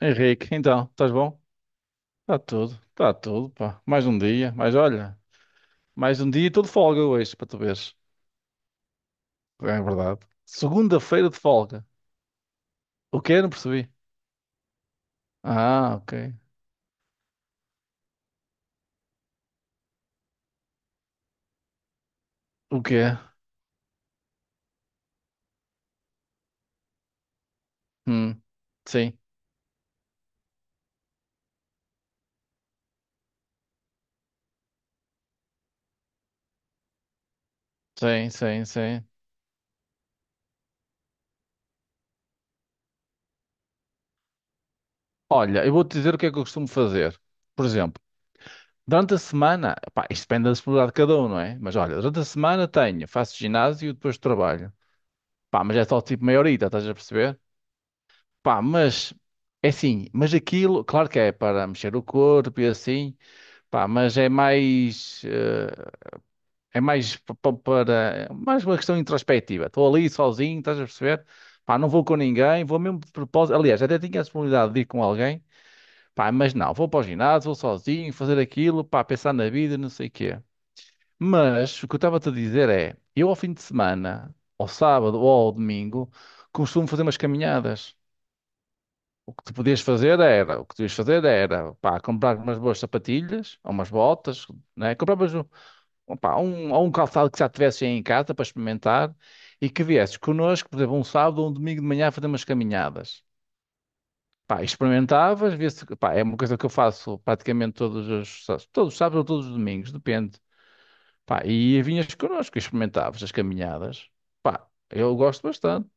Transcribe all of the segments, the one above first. Henrique, então, estás bom? Está tudo, pá. Mais um dia, mas olha, mais um dia e estou folga hoje, para tu veres. É verdade. Segunda-feira de folga. O quê? Não percebi. Ah, ok. O quê? Hum, sim, sim, sim, sim. Olha, eu vou-te dizer o que é que eu costumo fazer. Por exemplo, durante a semana, pá, isto depende da disponibilidade de cada um, não é? Mas olha, durante a semana tenho, faço ginásio e depois trabalho. Pá, mas é só tipo meia horita, estás a perceber? Pá, mas é assim, mas aquilo, claro que é para mexer o corpo e assim, pá, mas é mais, é mais para, mais uma questão introspectiva. Estou ali sozinho, estás a perceber? Pá, não vou com ninguém, vou mesmo de propósito. Aliás, até tinha a possibilidade de ir com alguém, pá, mas não, vou para o ginásio, vou sozinho, fazer aquilo, pá, pensar na vida, não sei o quê. Mas o que eu estava-te a dizer é, eu ao fim de semana, ao sábado ou ao domingo, costumo fazer umas caminhadas. O que tu podias fazer era, o que tu ias fazer era, pá, comprar umas boas sapatilhas, ou umas botas, né? Compravas um, pá, um, ou um calçado que já tivesse aí em casa para experimentar e que viesses connosco, por exemplo, um sábado ou um domingo de manhã a fazer umas caminhadas. Pá, experimentavas, vias, pá, é uma coisa que eu faço praticamente todos os, todos os sábados ou todos os domingos, depende. Pá, e vinhas connosco, e experimentavas as caminhadas. Pá, eu gosto bastante.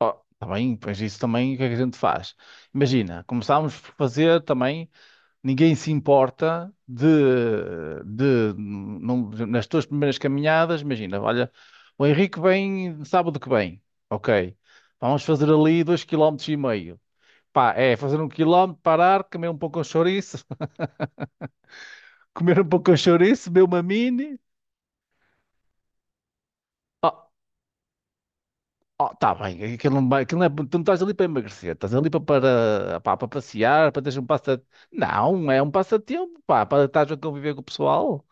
Ó, tá bem, pois isso também, o que é que a gente faz? Imagina, começámos por fazer também. Ninguém se importa de nas tuas primeiras caminhadas, imagina, olha, o Henrique vem sábado que vem, ok, vamos fazer ali 2,5 km. Pá, é fazer 1 km, parar, comer um pouco de chouriço, comer um pouco de chouriço, beber uma mini. Oh, oh, tá bem, aquilo não vai, aquilo não é, tu não estás ali para emagrecer, estás ali para, para, pá, para passear, para teres um passa... Não, é um passatempo, pá, para estás a conviver com o pessoal.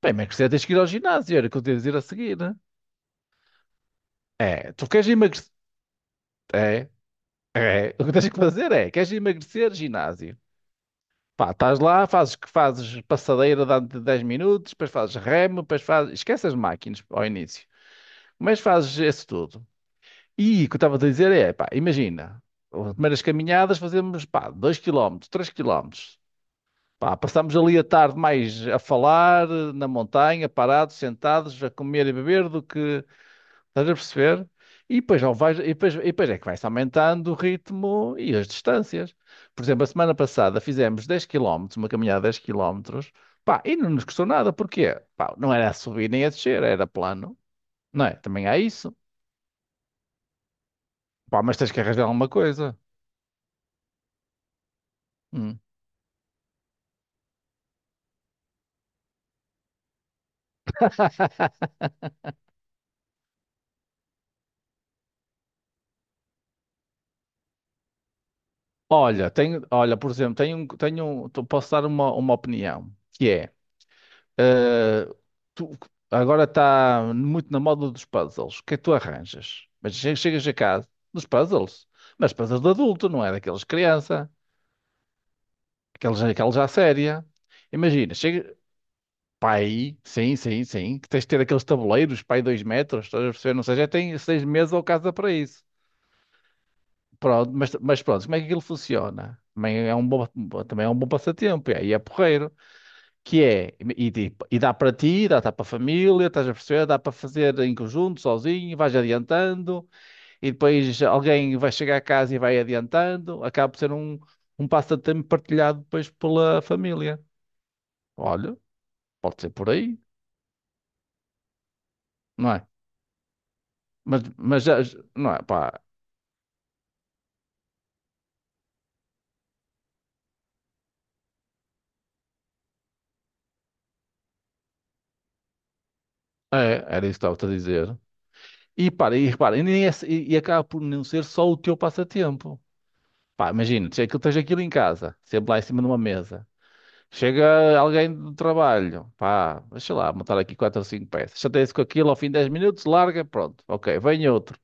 Para emagrecer tens que ir ao ginásio, era o que eu te ia dizer a seguir, né? É, tu queres emagrecer. É, é. O que tens que fazer é, queres emagrecer, ginásio. Pá, estás lá, fazes que fazes passadeira durante 10 minutos, depois fazes remo, depois fazes. Esquece as máquinas ao início. Mas fazes isso tudo. E o que eu estava a dizer é, pá, imagina, as primeiras caminhadas fazemos, pá, 2 km, 3 km, pá, passamos ali a tarde mais a falar, na montanha, parados, sentados, a comer e beber, do que. Estás a perceber? E depois, não vais, e depois é que vai-se aumentando o ritmo e as distâncias. Por exemplo, a semana passada fizemos 10 quilómetros, uma caminhada de 10 km, pá, e não nos custou nada, porquê? Pá, não era a subir nem a descer, era plano, não é? Também há isso. Pá, mas tens que arranjar alguma coisa. Hum. Olha, tenho, olha, por exemplo, tenho, tenho, posso dar uma opinião, que é, Tu- agora está muito na moda dos puzzles. O que é que tu arranjas? Mas chegas a casa dos puzzles. Mas puzzles de adulto, não é daqueles de criança. Aqueles, aqueles à séria. Imagina, chega. Pai, sim, sim, sim. Que tens de ter aqueles tabuleiros, pai, 2 metros. Estás a perceber? Não sei, já tem 6 meses ou casa para isso. Pronto, mas pronto, como é que aquilo funciona? Também é um bom, também é um bom passatempo. E aí é porreiro, que é, e, e dá para ti, dá, dá para a família, estás a perceber? Dá para fazer em conjunto, sozinho, vais adiantando, e depois alguém vai chegar a casa e vai adiantando, acaba por ser um, um passatempo partilhado depois pela família. Olha, pode ser por aí, não é? Mas já, não é, pá, é, era isso que estava-te a dizer. E para, e repara, e, nem é- e acaba por não ser só o teu passatempo. Pá, imagina, tens aquilo, tens aquilo em casa, sempre lá em cima de uma mesa. Chega alguém do trabalho, pá, deixa lá, montar aqui quatro ou cinco peças. Chateia-se com aquilo, ao fim de 10 minutos, larga, pronto. Ok, vem outro.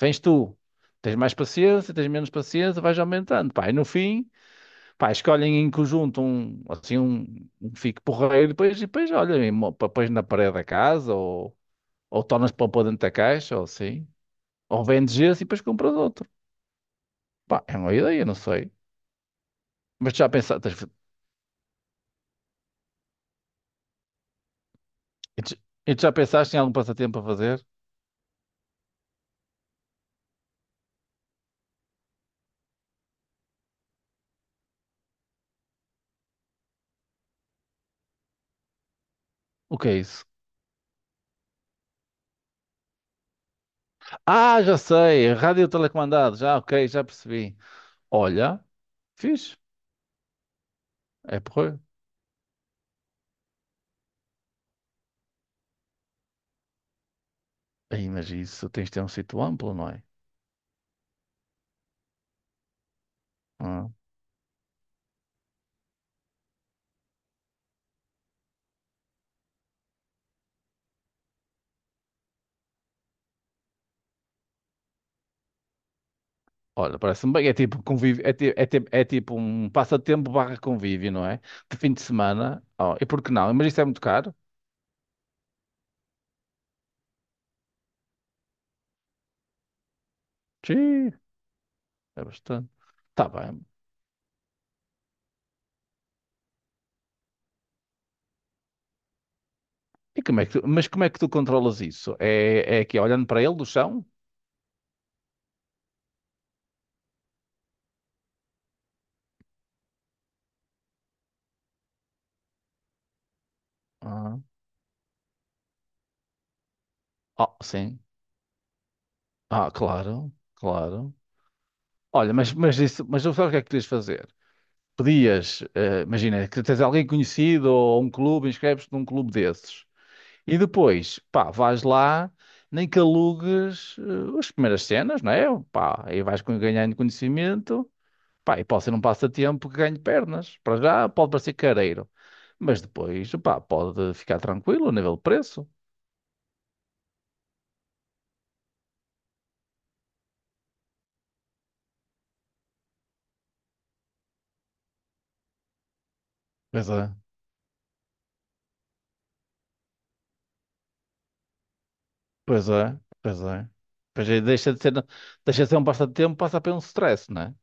Vens tu. Tens mais paciência, tens menos paciência, vais aumentando, pá. E no fim, pá, escolhem em conjunto um, assim, um que fique porreiro, e depois olha, e pá, pões na parede da casa, ou tornas para pôr dentro da caixa, ou assim. Ou vendes esse e depois compras outro. Pá, é uma ideia, não sei. Mas tu já pensaste, e tu e tu já pensaste em algum passatempo a fazer? O que é isso? Ah, já sei, rádio telecomandado, já, ok, já percebi. Olha, fixe, é porreiro. Aí, mas isso tens de ter um sítio amplo, não é? Ah, olha, parece-me bem, é tipo convívio, é, é tipo um passatempo barra convívio, não é? De fim de semana, oh, e por que não? Mas isso é muito caro? Sim, é bastante. Tá bem. E como é que mas como é que tu controlas isso? É, é aqui, olhando para ele do chão? Ah, oh, sim. Ah, claro, claro. Olha, mas isso, mas sabes o que é que podias fazer? Pedias, imagina, que tens alguém conhecido ou um clube, inscreves-te num clube desses. E depois, pá, vais lá, nem que alugues as primeiras cenas, não é? Pá, aí vais ganhando conhecimento, pá, e pode ser um passatempo que ganhe pernas. Para já pode parecer careiro, mas depois, pá, pode ficar tranquilo a nível de preço. Pois é, pois é, pois é. Pois é, deixa de ser um passatempo, passa a ser um stress, não é?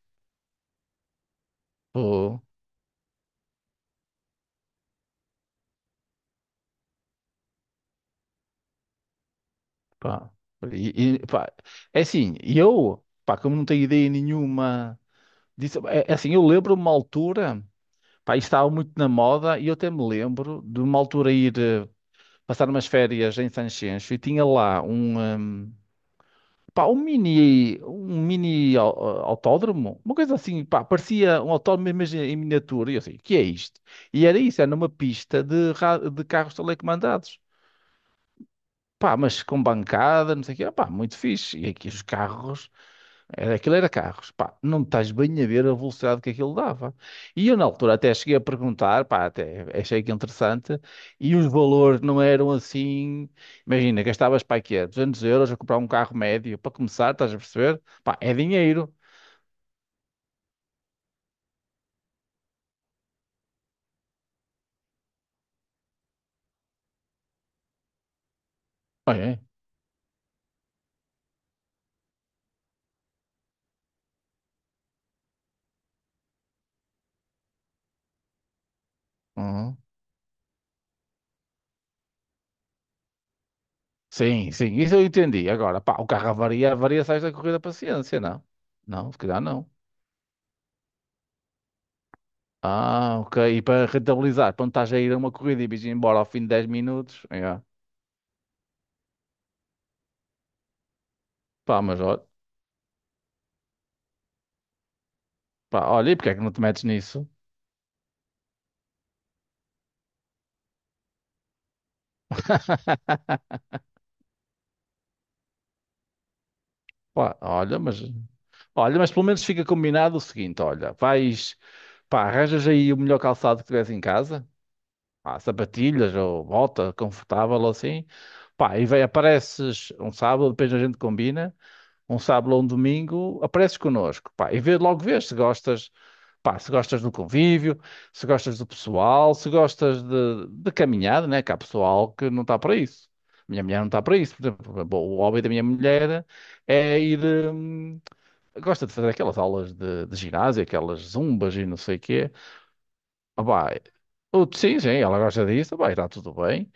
Pá, e, pá, é assim, e eu, pá, como não tenho ideia nenhuma disso, é, é assim, eu lembro uma altura, pá, isto estava muito na moda, e eu até me lembro de uma altura ir passar umas férias em Sanxenxo e tinha lá um, pá, um mini autódromo, uma coisa assim, pá, parecia um autódromo mas em miniatura, e eu assim, o que é isto? E era isso, era numa pista de, de carros telecomandados. Pá, mas com bancada, não sei o quê. Pá, muito fixe. E aqui os carros. Era, aquilo era carros, pá, não estás bem a ver a velocidade que aquilo dava. E eu na altura até cheguei a perguntar, pá, até achei que interessante, e os valores não eram assim, imagina, gastavas para quê? 200 euros a comprar um carro médio, para começar, estás a perceber? Pá, é dinheiro. Olha, é. Uhum. Sim, sim, isso eu entendi. Agora, pá, o carro avaria, avaria, sais da corrida paciência, não? Não, se calhar não. Ah, ok, e para rentabilizar, quando estás a ir a uma corrida e vais embora ao fim de 10 minutos, yeah. Pá, mas olha. Pá, olha, e porque é que não te metes nisso? Pá, olha, mas pelo menos fica combinado o seguinte, olha, vais, pá, arranjas aí o melhor calçado que tiveres em casa, pá, sapatilhas ou bota confortável ou assim, pá, e vai, apareces um sábado, depois a gente combina, um sábado ou um domingo, apareces connosco, pá, e vê, logo vês se gostas, pá, se gostas do convívio, se gostas do pessoal, se gostas de caminhada, né? Que há pessoal que não está para isso. Minha mulher não está para isso. Por exemplo, bom, o hobby da minha mulher é ir. Hum, gosta de fazer aquelas aulas de ginásio, aquelas zumbas e não sei o quê. Ah, pá, sim, sim, ela gosta disso, pá, está tudo bem.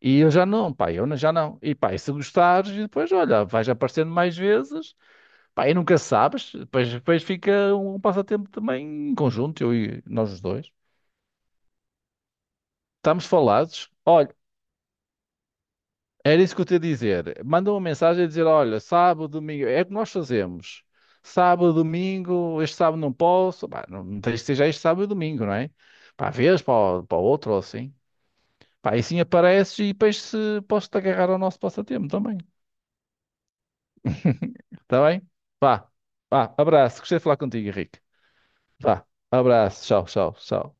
E eu já não, pá, eu já não. E pá, e se gostares, e depois, olha, vais aparecendo mais vezes. Pá, e nunca sabes, depois, depois fica um passatempo também em conjunto, eu e nós os dois. Estamos falados? Olha, era isso que eu te ia dizer. Manda uma mensagem a dizer: olha, sábado, domingo, é o que nós fazemos. Sábado, domingo, este sábado não posso. Pá, não, não tens que ser este sábado e domingo, não é? Pá, vês para o, para o outro ou assim. Pá, e assim apareces e depois se, posso-te agarrar ao nosso passatempo também. Está bem? Vá, vá, abraço. Gostei de falar contigo, Henrique. Vá, abraço. Tchau, tchau, tchau.